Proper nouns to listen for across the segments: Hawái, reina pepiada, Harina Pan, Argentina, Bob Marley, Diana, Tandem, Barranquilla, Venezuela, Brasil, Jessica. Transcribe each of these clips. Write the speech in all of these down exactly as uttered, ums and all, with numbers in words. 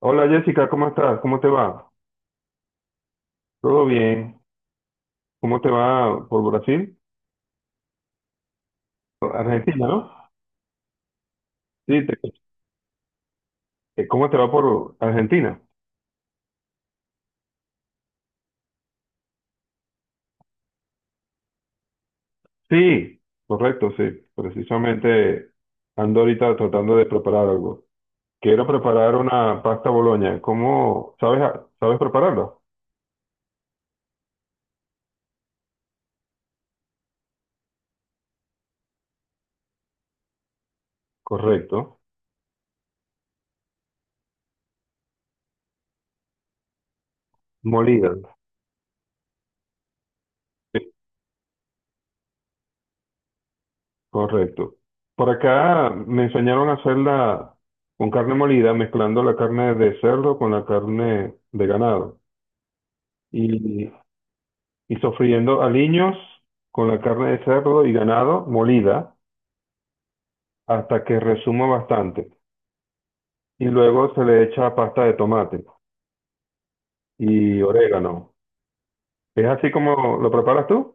Hola Jessica, ¿cómo estás? ¿Cómo te va? ¿Todo bien? ¿Cómo te va por Brasil? Argentina, ¿no? Sí, te- te- ¿Cómo te va por Argentina? Sí, correcto, sí. Precisamente ando ahorita tratando de preparar algo. Quiero preparar una pasta boloña. ¿Cómo? ¿Sabes, a- ¿sabes prepararla? Correcto. Molida. Sí, correcto. Por acá me enseñaron a hacerla con carne molida, mezclando la carne de cerdo con la carne de ganado. Y y sofriendo aliños con la carne de cerdo y ganado molida hasta que resuma bastante. Y luego se le echa pasta de tomate y orégano. ¿Es así como lo preparas tú?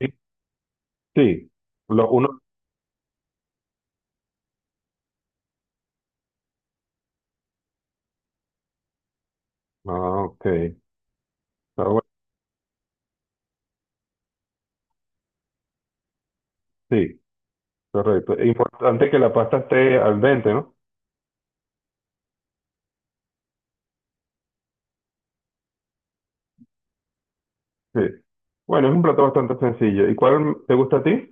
Sí. Sí. Lo uno. Ah, ok. Ah, bueno, sí, correcto. Es importante que la pasta esté al dente, ¿no? Sí. Bueno, es un plato bastante sencillo. ¿Y cuál te gusta a ti?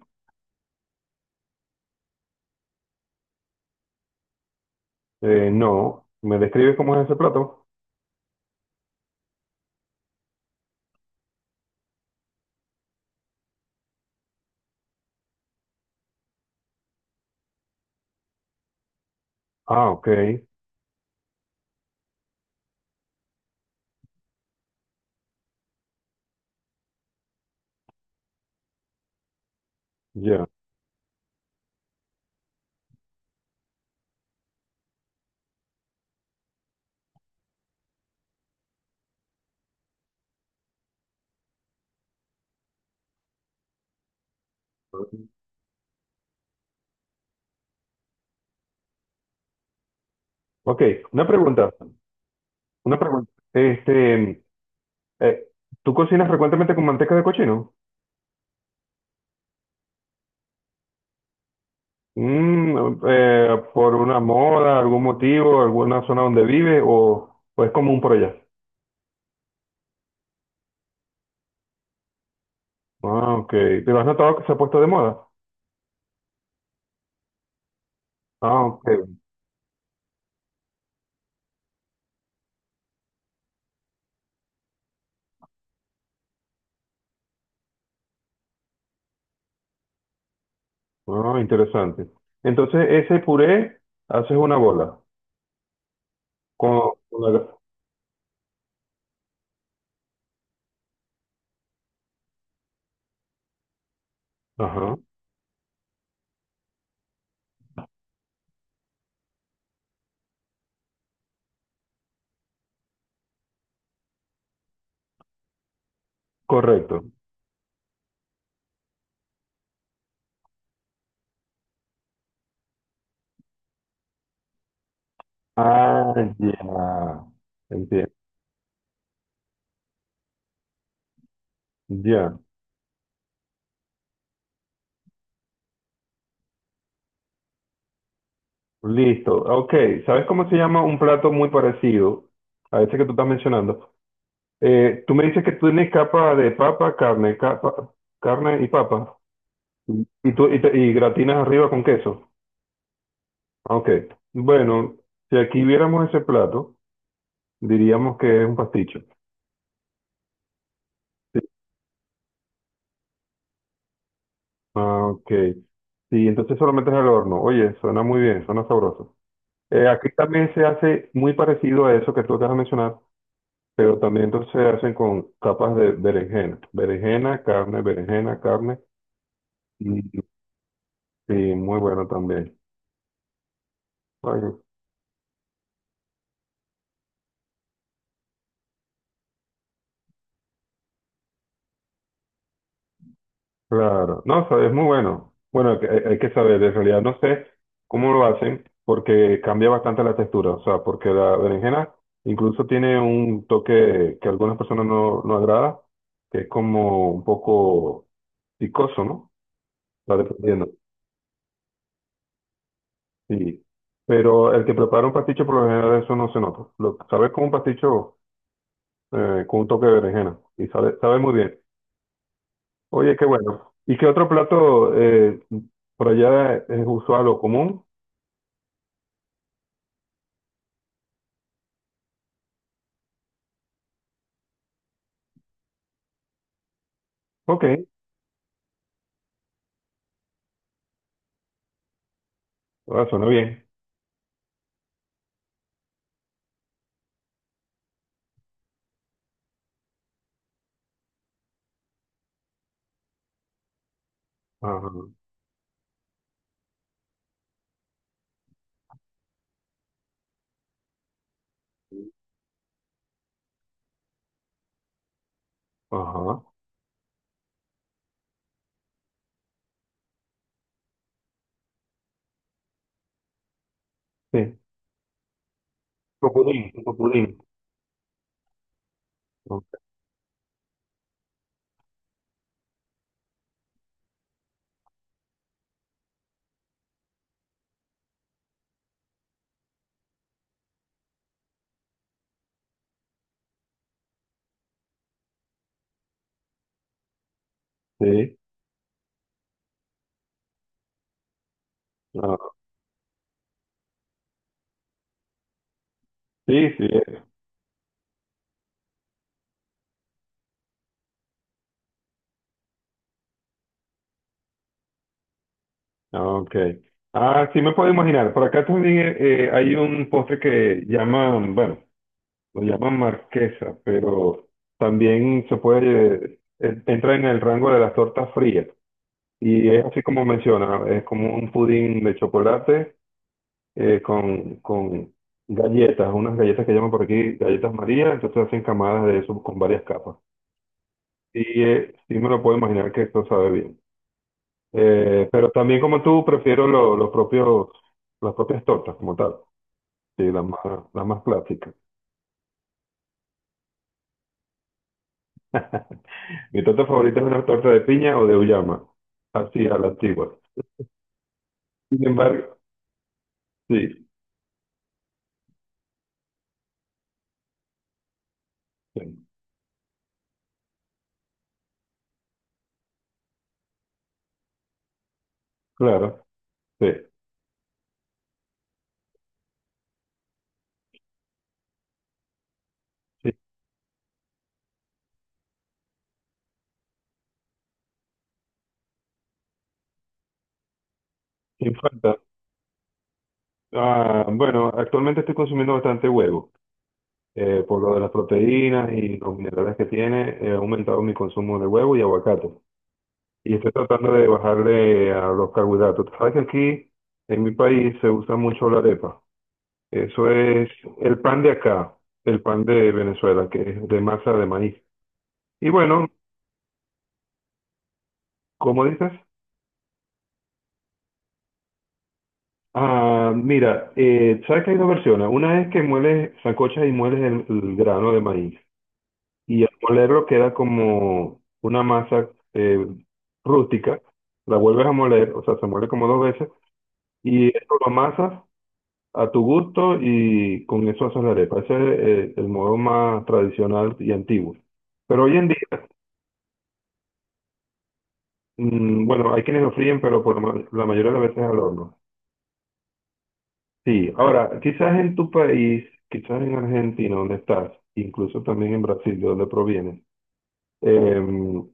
Eh, no. ¿Me describes cómo es ese plato? Ah, ok. Ya. Ok, una pregunta. Una pregunta. Este, eh, ¿tú cocinas frecuentemente con manteca de cochino? Mm, eh, ¿por una moda, algún motivo, alguna zona donde vive o, o es común por allá? Ah, ok. ¿Pero has notado que se ha puesto de moda? Ah, ok. Ah, interesante. Entonces, ese puré haces una bola con, con la- Ajá, correcto. Ah, ya. Entiendo. Ya. Listo. Ok. ¿Sabes cómo se llama un plato muy parecido a ese que tú estás mencionando? Eh, tú me dices que tú tienes capa de papa, carne, capa, carne y papa. Y tú y, te- y gratinas arriba con queso. Ah, ok. Bueno, si aquí viéramos ese plato, diríamos que es un pasticho. Sí. Ah, ok. Sí, entonces solamente es al horno. Oye, suena muy bien, suena sabroso. Eh, aquí también se hace muy parecido a eso que tú acabas de mencionar, pero también entonces se hacen con capas de berenjena. Berenjena, carne, berenjena, carne. Y, sí, muy bueno también. Claro, no, o sea, es muy bueno. Bueno, que- hay, hay que saber, en realidad no sé cómo lo hacen porque cambia bastante la textura, o sea, porque la berenjena incluso tiene un toque que a algunas personas no, no agrada, que es como un poco picoso, ¿no? Va dependiendo, sí. Pero el que prepara un pasticho por lo general eso no se nota. Lo sabes como un pasticho eh, con un toque de berenjena y sabe, sabe muy bien. Oye, qué bueno. ¿Y qué otro plato eh, por allá es usual o común? Ok. Ah, suena bien. Ajá, ajá, sí. Copudín, copudín. Ok, sí, ah, sí, sí, eh, ok. Ah, sí me puedo imaginar. Por acá también eh, eh, hay un postre que llaman, bueno, lo llaman marquesa, pero también se puede, eh, entra en el rango de las tortas frías. Y es así como menciona, es como un pudín de chocolate eh, con, con galletas, unas galletas que llaman por aquí galletas María, entonces hacen camadas de eso con varias capas. Sí, eh, sí me lo puedo imaginar que esto sabe bien. Eh, pero también como tú, prefiero lo- los propios, las propias tortas como tal. Sí, las más, las más clásicas. Mi torta favorita es una torta de piña o de uyama. Así, a la antigua. Sin embargo, sí, sí, claro, sí, sí, sin falta. Ah, bueno, actualmente estoy consumiendo bastante huevo. Eh, por lo de las proteínas y los minerales que tiene, he aumentado mi consumo de huevo y aguacate. Y estoy tratando de bajarle a los carbohidratos. Tú sabes que aquí en mi país se usa mucho la arepa. Eso es el pan de acá, el pan de Venezuela, que es de masa de maíz. Y bueno, ¿cómo dices? Ah, mira, eh, sabes que hay dos versiones. Una es que mueles, sancochas y mueles el, el grano de maíz. Y al molerlo queda como una masa eh, rústica. La vuelves a moler, o sea, se muele como dos veces. Y esto lo amasas a tu gusto y con eso haces la arepa. Ese es eh, el modo más tradicional y antiguo. Pero hoy en día, mm, bueno, hay quienes lo fríen, pero por ma- la mayoría de las veces al horno. Sí, ahora, quizás en tu país, quizás en Argentina, donde estás, incluso también en Brasil, de donde provienes, em,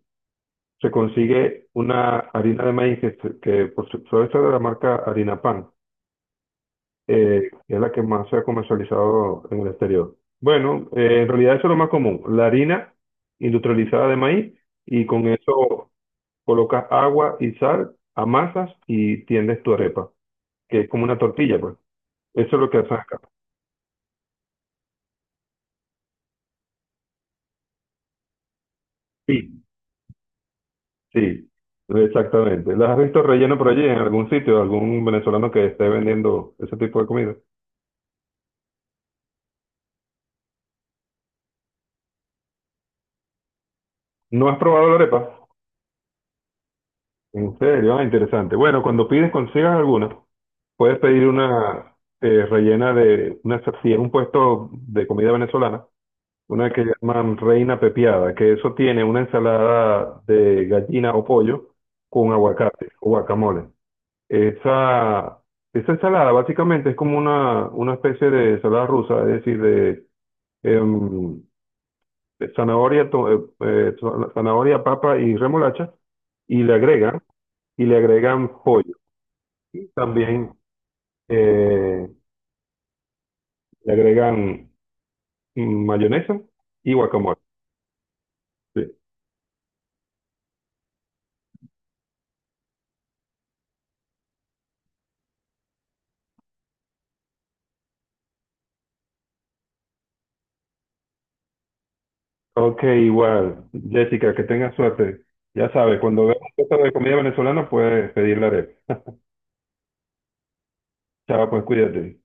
se consigue una harina de maíz que, se- que por su- suele ser de la marca Harina Pan. Eh, que es la que más se ha comercializado en el exterior. Bueno, eh, en realidad eso es lo más común, la harina industrializada de maíz y con eso colocas agua y sal, amasas y tiendes tu arepa, que es como una tortilla, pues. Eso es lo que hacen acá. Sí, sí, exactamente. ¿Las has visto relleno por allí en algún sitio, algún venezolano que esté vendiendo ese tipo de comida? ¿No has probado la arepa? En serio, ah, interesante. Bueno, cuando pides, consigas alguna, puedes pedir una eh, rellena de una, si es un puesto de comida venezolana, una que llaman reina pepiada, que eso tiene una ensalada de gallina o pollo con aguacate o guacamole. Esa, esa ensalada básicamente es como una, una especie de ensalada rusa, es decir, de, em, de zanahoria, to- eh, eh, zanahoria, papa y remolacha, y le agregan, y le agregan pollo. Y también eh, le agregan mayonesa y guacamole. Sí. Ok, igual. Jessica, que tengas suerte. Ya sabes, cuando veas cosas de comida venezolana, puedes pedirle arepa. Chao, pues cuídate.